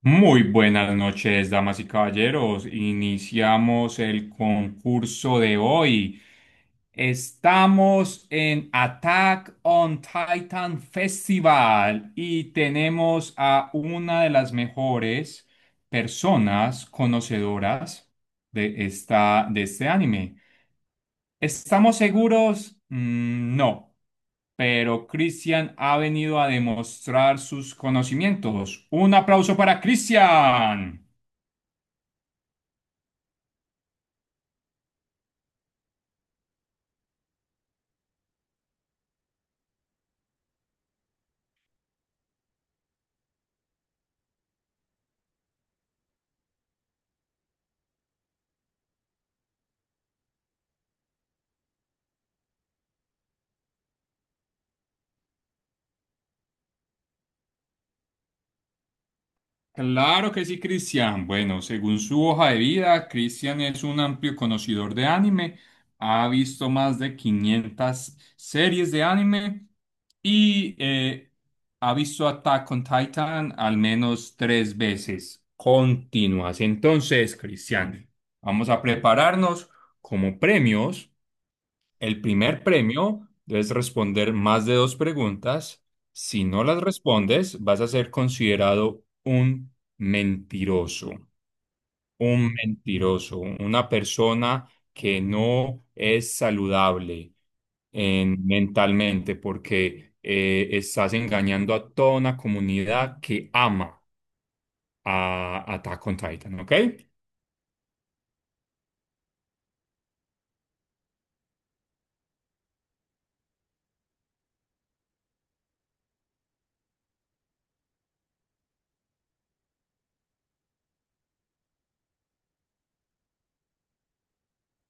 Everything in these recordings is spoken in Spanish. Muy buenas noches, damas y caballeros. Iniciamos el concurso de hoy. Estamos en Attack on Titan Festival y tenemos a una de las mejores personas conocedoras de este anime. ¿Estamos seguros? No, pero Christian ha venido a demostrar sus conocimientos. Un aplauso para Christian. Claro que sí, Cristian. Bueno, según su hoja de vida, Cristian es un amplio conocedor de anime, ha visto más de 500 series de anime y ha visto Attack on Titan al menos tres veces continuas. Entonces, Cristian, vamos a prepararnos como premios. El primer premio, debes responder más de dos preguntas. Si no las respondes, vas a ser considerado un mentiroso, una persona que no es saludable mentalmente, porque estás engañando a toda una comunidad que ama a Attack on Titan, ¿ok?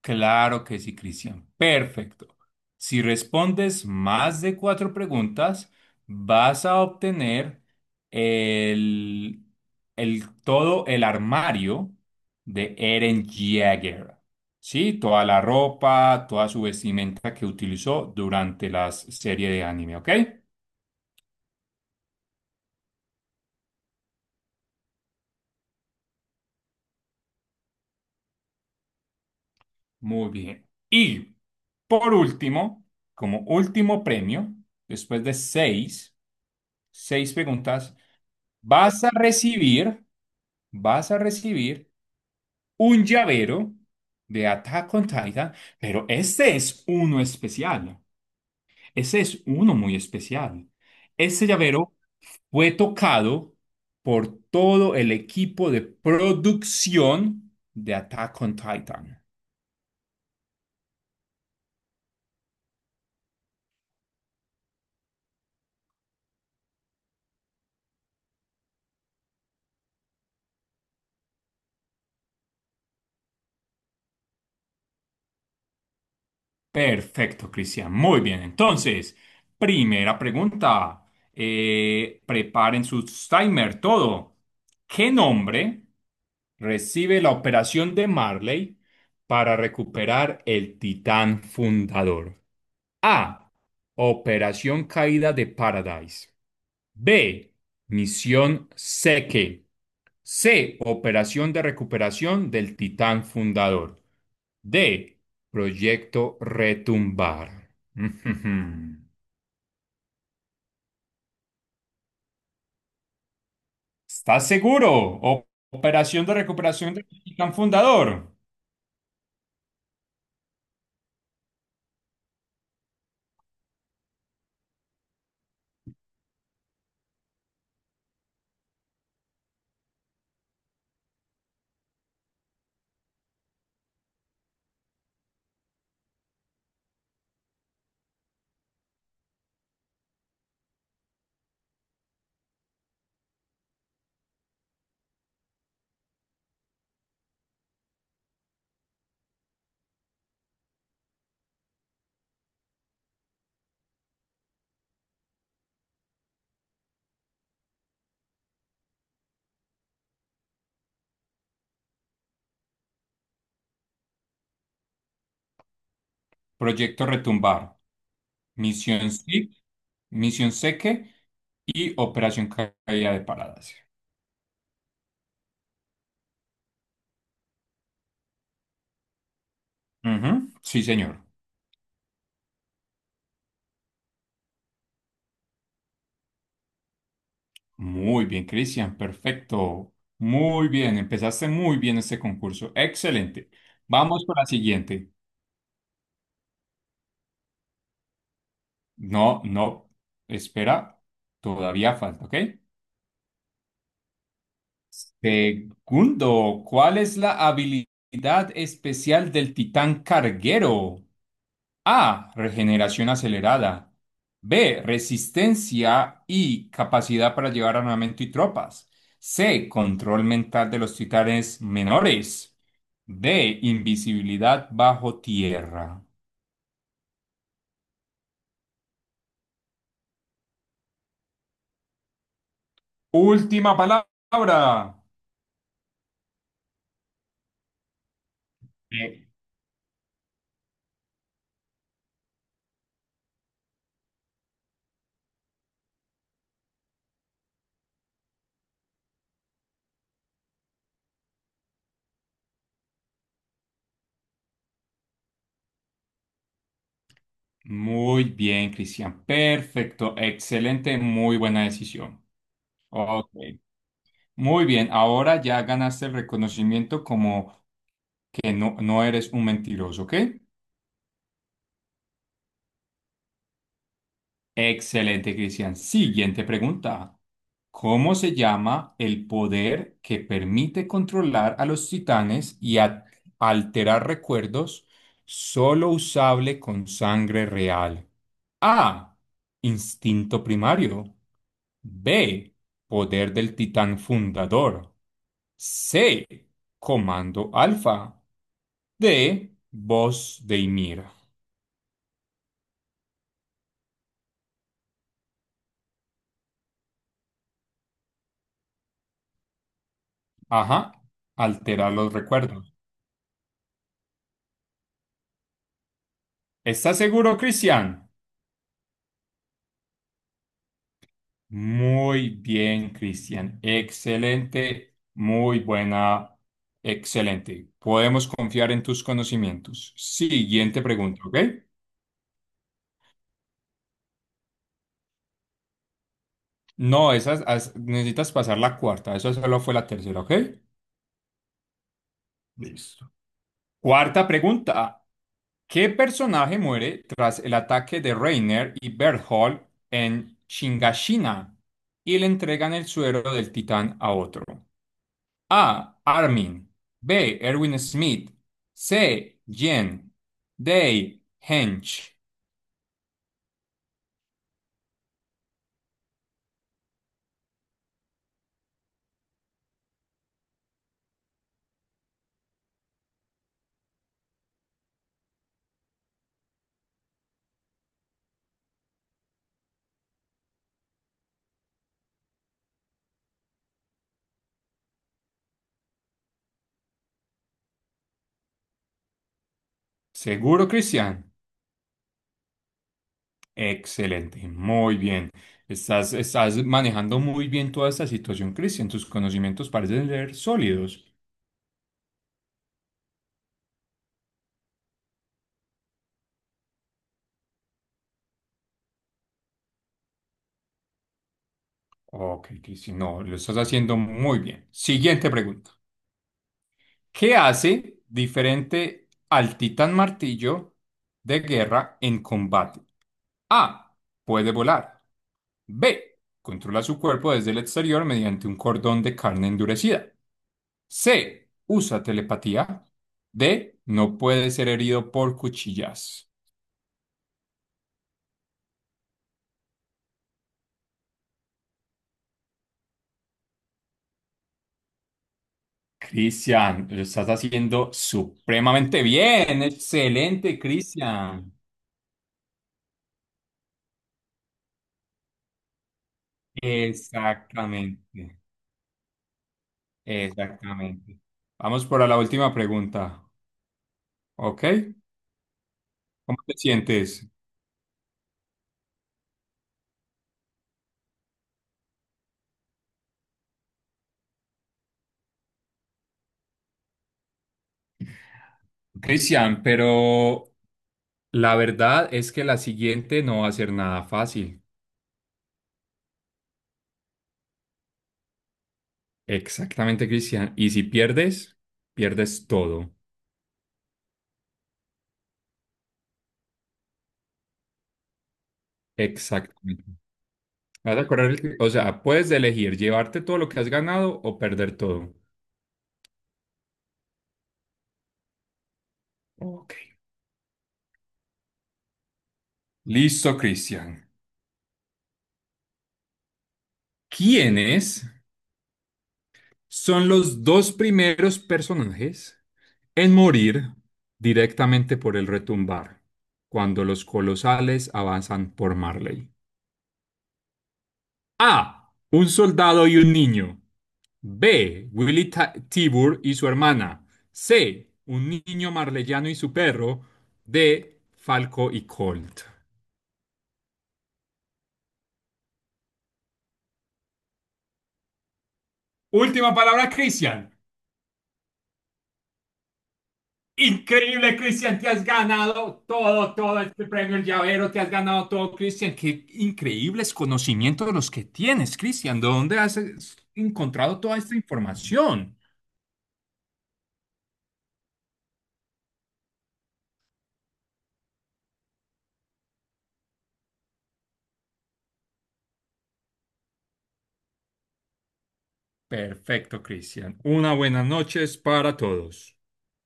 Claro que sí, Cristian. Perfecto. Si respondes más de cuatro preguntas, vas a obtener el, todo el armario de Eren Jaeger. Sí, toda la ropa, toda su vestimenta que utilizó durante la serie de anime, ¿ok? Muy bien. Y por último, como último premio, después de seis preguntas, vas a recibir vas a recibir un llavero de Attack on Titan, pero este es uno especial. Ese es uno muy especial. Este llavero fue tocado por todo el equipo de producción de Attack on Titan. Perfecto, Cristian. Muy bien. Entonces, primera pregunta. Preparen sus timer, todo. ¿Qué nombre recibe la operación de Marley para recuperar el Titán fundador? A. Operación Caída de Paradise. B. Misión Seke. C. Operación de recuperación del Titán fundador. D. Proyecto Retumbar. ¿Estás seguro? O- ¿Operación de recuperación del Titán fundador? Proyecto Retumbar, Misión SIP, Misión Seque y Operación Caída de Paradas. Ujú. Sí, señor. Muy bien, Cristian. Perfecto. Muy bien. Empezaste muy bien este concurso. Excelente. Vamos con la siguiente. No, no. Espera. Todavía falta, ¿ok? Segundo, ¿cuál es la habilidad especial del titán carguero? A. Regeneración acelerada. B. Resistencia y capacidad para llevar armamento y tropas. C. Control mental de los titanes menores. D. Invisibilidad bajo tierra. Última palabra. Eh, Muy bien, Cristian. Perfecto. Excelente. Muy buena decisión. Ok. Muy bien. Ahora ya ganaste el reconocimiento como que no eres un mentiroso, ¿ok? Excelente, Cristian. Siguiente pregunta. ¿Cómo se llama el poder que permite controlar a los titanes y alterar recuerdos, solo usable con sangre real? A. Instinto primario. B. Poder del titán fundador. C. Comando alfa. D. Voz de Ymir. Ajá. Alterar los recuerdos. ¿Estás seguro, Cristian? Muy bien, Cristian. Excelente, excelente. Podemos confiar en tus conocimientos. Siguiente pregunta, ¿ok? No, necesitas pasar la cuarta. Eso solo fue la tercera, ¿ok? Listo. Cuarta pregunta. ¿Qué personaje muere tras el ataque de Reiner y Berthold en Chingashina y le entregan el suero del titán a otro? A. Armin. B. Erwin Smith. C. Jen. D. Hench. ¿Seguro, Cristian? Excelente, muy bien. Estás manejando muy bien toda esta situación, Cristian. Tus conocimientos parecen ser sólidos. Ok, Cristian, no, lo estás haciendo muy bien. Siguiente pregunta. ¿Qué hace diferente al Titán Martillo de guerra en combate? A. Puede volar. B. Controla su cuerpo desde el exterior mediante un cordón de carne endurecida. C. Usa telepatía. D. No puede ser herido por cuchillas. Cristian, lo estás haciendo supremamente bien. Excelente, Cristian. Exactamente, exactamente. Vamos por la última pregunta. ¿Ok? ¿Cómo te sientes? Cristian, pero la verdad es que la siguiente no va a ser nada fácil. Exactamente, Cristian. Y si pierdes, pierdes todo. Exactamente. Vas a correr, o sea, puedes elegir llevarte todo lo que has ganado o perder todo. Ok. Listo, Cristian. ¿Quiénes son los dos primeros personajes en morir directamente por el retumbar cuando los colosales avanzan por Marley? A. Un soldado y un niño. B. Willy Tibur y su hermana. C. Un niño marleyano y su perro. D. Falco y Colt. Última palabra, Cristian. Increíble, Cristian, te has ganado todo, todo este premio, el llavero, te has ganado todo, Cristian. Qué increíbles conocimientos los que tienes, Cristian. ¿De dónde has encontrado toda esta información? Perfecto, Cristian. Una buena noches para todos.